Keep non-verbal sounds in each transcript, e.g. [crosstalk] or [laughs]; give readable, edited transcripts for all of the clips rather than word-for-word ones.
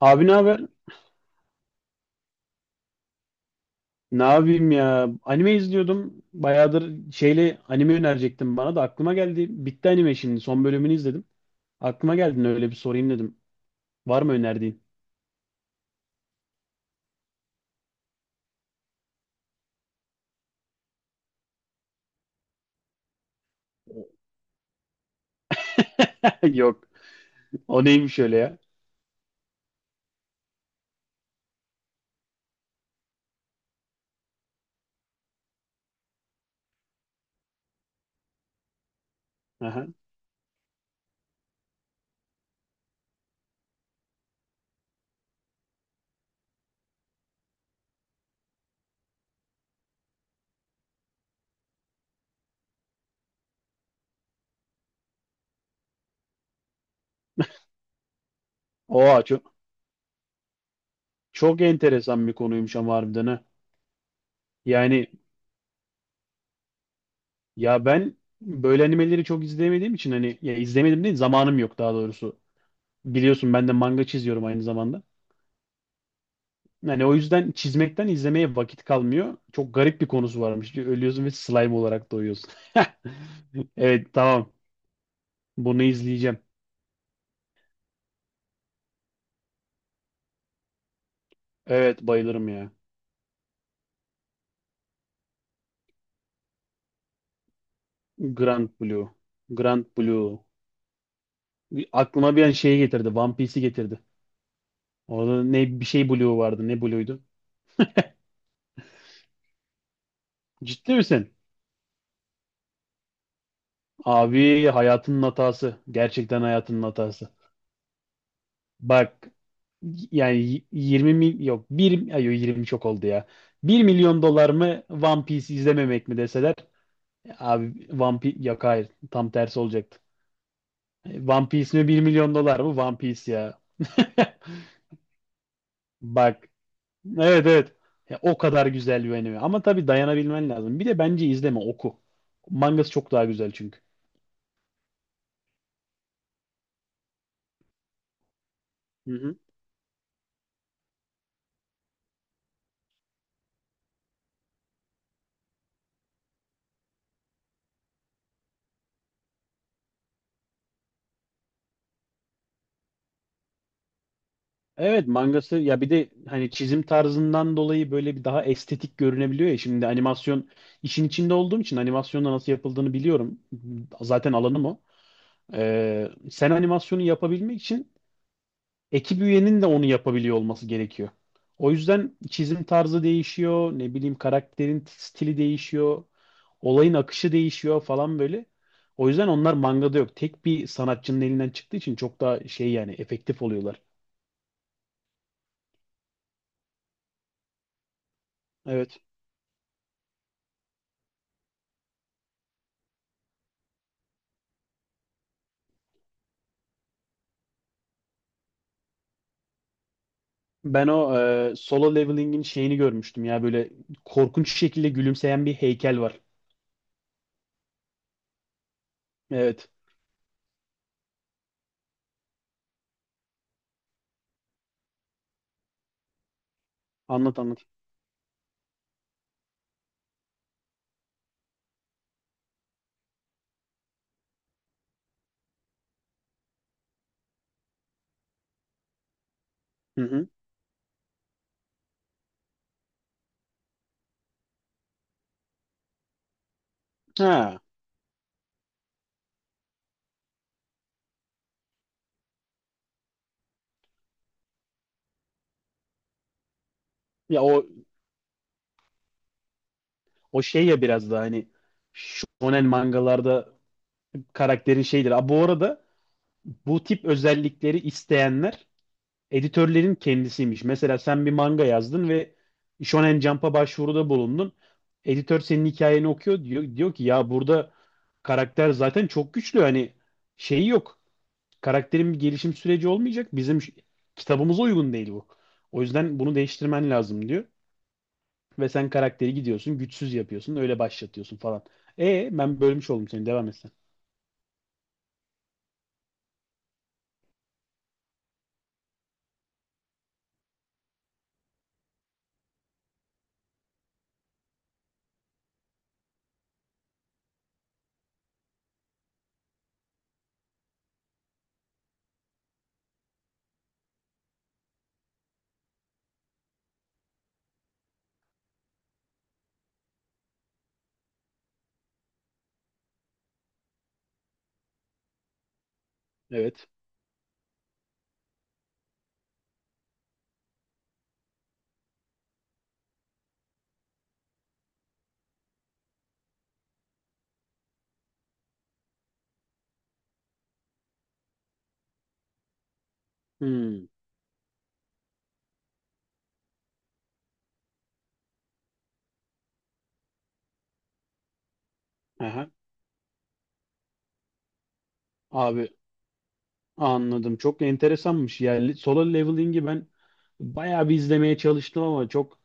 Abi, ne haber? Ne yapayım ya? Anime izliyordum. Bayağıdır şeyle anime önerecektim, bana da aklıma geldi. Bitti anime şimdi. Son bölümünü izledim. Aklıma geldi, öyle bir sorayım dedim. Var mı önerdiğin? [laughs] Yok. O neymiş öyle ya? Aha. Oha, çok, çok enteresan bir konuymuş ama harbiden, ha. Yani ya ben böyle animeleri çok izleyemediğim için, hani ya izlemedim değil, zamanım yok daha doğrusu. Biliyorsun ben de manga çiziyorum aynı zamanda. Yani o yüzden çizmekten izlemeye vakit kalmıyor. Çok garip bir konusu varmış. Ölüyorsun ve slime olarak doğuyorsun. [laughs] Evet, tamam. Bunu izleyeceğim. Evet, bayılırım ya. Grand Blue. Grand Blue. Aklıma bir an şeyi getirdi. One Piece'i getirdi. Orada ne bir şey Blue vardı. Ne Blue'ydu? Ciddi misin? Abi, hayatının hatası. Gerçekten hayatının hatası. Bak yani 20 mil yok, bir ay yok, 20 çok oldu ya. 1 milyon dolar mı, One Piece izlememek mi deseler? Abi, One Piece. Yok, hayır, tam tersi olacaktı. One Piece mi, 1 milyon dolar mı? One Piece ya. [laughs] Bak, evet, evet. Ya, o kadar güzel bir anime ama tabii dayanabilmen lazım. Bir de bence izleme, oku. Mangası çok daha güzel çünkü. Hı hı. Evet, mangası, ya bir de hani çizim tarzından dolayı böyle bir daha estetik görünebiliyor ya. Şimdi animasyon işin içinde olduğum için animasyonda nasıl yapıldığını biliyorum. Zaten alanım o. Sen animasyonu yapabilmek için ekip üyenin de onu yapabiliyor olması gerekiyor. O yüzden çizim tarzı değişiyor, ne bileyim karakterin stili değişiyor, olayın akışı değişiyor falan böyle. O yüzden onlar mangada yok. Tek bir sanatçının elinden çıktığı için çok daha şey, yani efektif oluyorlar. Evet. Ben o Solo Leveling'in şeyini görmüştüm ya, böyle korkunç şekilde gülümseyen bir heykel var. Evet. Anlat, anlat. Hı hı. Ha. Ya o şey, ya biraz da hani shonen mangalarda karakterin şeydir. Aa, bu arada bu tip özellikleri isteyenler editörlerin kendisiymiş. Mesela sen bir manga yazdın ve Shonen Jump'a başvuruda bulundun. Editör senin hikayeni okuyor, diyor, diyor ki ya burada karakter zaten çok güçlü, hani şeyi yok. Karakterin bir gelişim süreci olmayacak. Bizim kitabımıza uygun değil bu. O yüzden bunu değiştirmen lazım diyor. Ve sen karakteri gidiyorsun, güçsüz yapıyorsun, öyle başlatıyorsun falan. Ben bölmüş oldum seni, devam etsen. Evet. Hmm. Aha. Abi, anladım. Çok enteresanmış. Yani solo leveling'i ben bayağı bir izlemeye çalıştım ama çok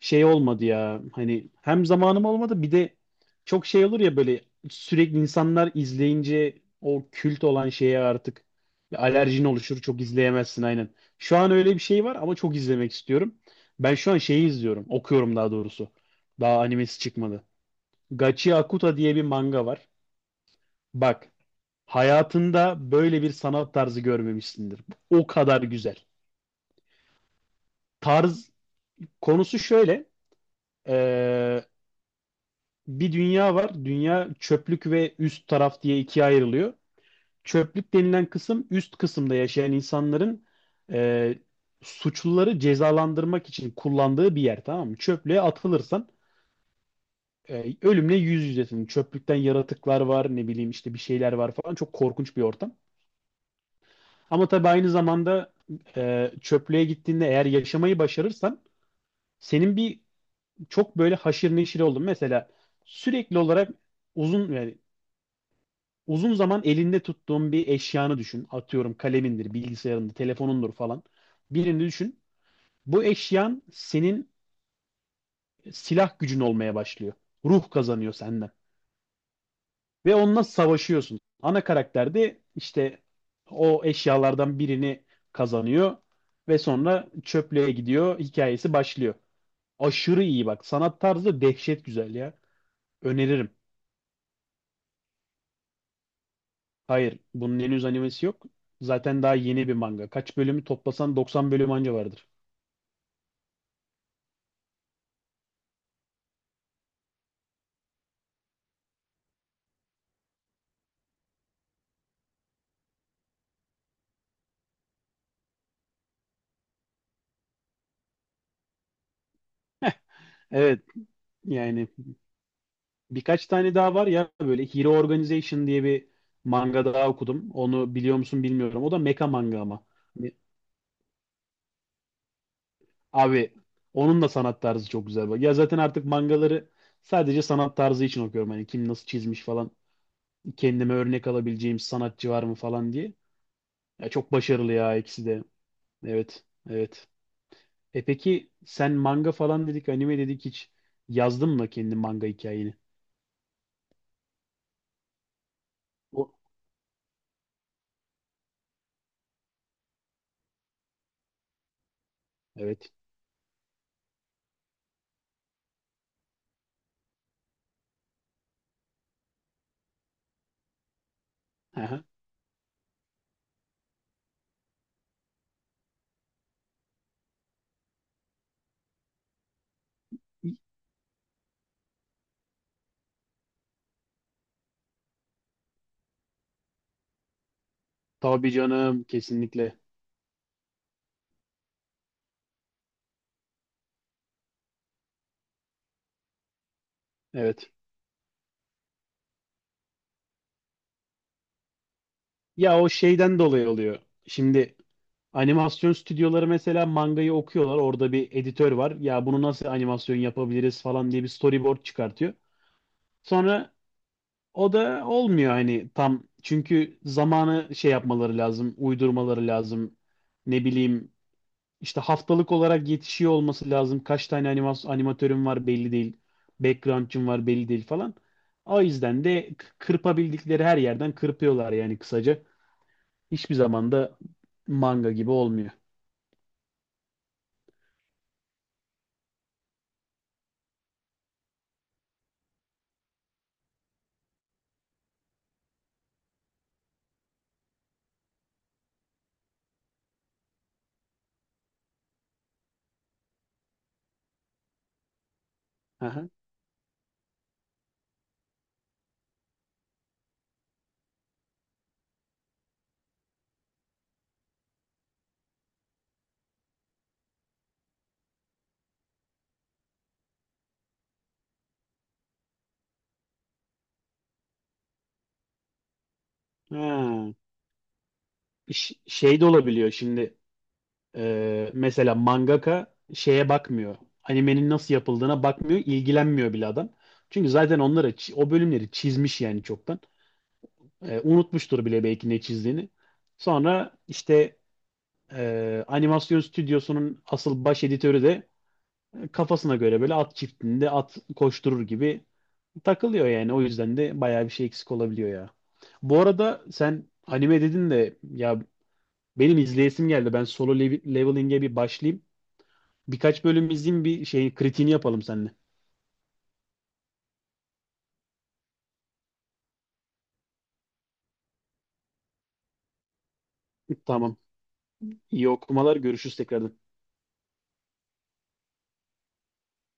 şey olmadı ya. Hani hem zamanım olmadı, bir de çok şey olur ya, böyle sürekli insanlar izleyince o kült olan şeye artık bir alerjin oluşur. Çok izleyemezsin, aynen. Şu an öyle bir şey var ama çok izlemek istiyorum. Ben şu an şeyi izliyorum. Okuyorum daha doğrusu. Daha animesi çıkmadı. Gachi Akuta diye bir manga var. Bak, hayatında böyle bir sanat tarzı görmemişsindir. O kadar güzel. Tarz, konusu şöyle. Bir dünya var. Dünya çöplük ve üst taraf diye ikiye ayrılıyor. Çöplük denilen kısım, üst kısımda yaşayan insanların e, suçluları cezalandırmak için kullandığı bir yer, tamam mı? Çöplüğe atılırsan ölümle yüz yüzesin. Çöplükten yaratıklar var, ne bileyim işte bir şeyler var falan, çok korkunç bir ortam. Ama tabii aynı zamanda çöplüğe gittiğinde eğer yaşamayı başarırsan, senin bir çok böyle haşır neşir oldun. Mesela sürekli olarak uzun yani uzun zaman elinde tuttuğun bir eşyanı düşün. Atıyorum kalemindir, bilgisayarındır, telefonundur falan. Birini düşün. Bu eşyan senin silah gücün olmaya başlıyor. Ruh kazanıyor senden. Ve onunla savaşıyorsun. Ana karakter de işte o eşyalardan birini kazanıyor ve sonra çöplüğe gidiyor. Hikayesi başlıyor. Aşırı iyi, bak. Sanat tarzı dehşet güzel ya. Öneririm. Hayır, bunun henüz animesi yok. Zaten daha yeni bir manga. Kaç bölümü toplasan 90 bölüm anca vardır. Evet, yani birkaç tane daha var ya, böyle Hero Organization diye bir manga daha okudum. Onu biliyor musun bilmiyorum. O da mecha manga ama. Hani, abi, onun da sanat tarzı çok güzel. Bak. Ya zaten artık mangaları sadece sanat tarzı için okuyorum. Hani kim nasıl çizmiş falan. Kendime örnek alabileceğim sanatçı var mı falan diye. Ya çok başarılı ya, ikisi de. Evet, evet. Peki sen, manga falan dedik, anime dedik, hiç yazdın mı kendi manga hikayeni? O. Evet. Hı. Tabii canım, kesinlikle. Evet. Ya o şeyden dolayı oluyor. Şimdi animasyon stüdyoları mesela mangayı okuyorlar. Orada bir editör var. Ya bunu nasıl animasyon yapabiliriz falan diye bir storyboard çıkartıyor. Sonra o da olmuyor hani tam, çünkü zamanı şey yapmaları lazım, uydurmaları lazım. Ne bileyim, işte haftalık olarak yetişiyor olması lazım. Kaç tane animatörüm var belli değil. Background'cum var belli değil falan. O yüzden de kırpabildikleri her yerden kırpıyorlar yani kısaca. Hiçbir zaman da manga gibi olmuyor. Aha. Ha. Şey de olabiliyor şimdi. Mesela mangaka şeye bakmıyor. Animenin nasıl yapıldığına bakmıyor, ilgilenmiyor bile adam. Çünkü zaten onları o bölümleri çizmiş yani çoktan. Unutmuştur bile belki ne çizdiğini. Sonra işte animasyon stüdyosunun asıl baş editörü de kafasına göre böyle at çiftliğinde at koşturur gibi takılıyor yani. O yüzden de bayağı bir şey eksik olabiliyor ya. Bu arada sen anime dedin de ya, benim izleyesim geldi. Ben Solo Leveling'e bir başlayayım. Birkaç bölüm izleyeyim, bir şey, kritiğini yapalım seninle. [laughs] Tamam. İyi okumalar. Görüşürüz tekrardan.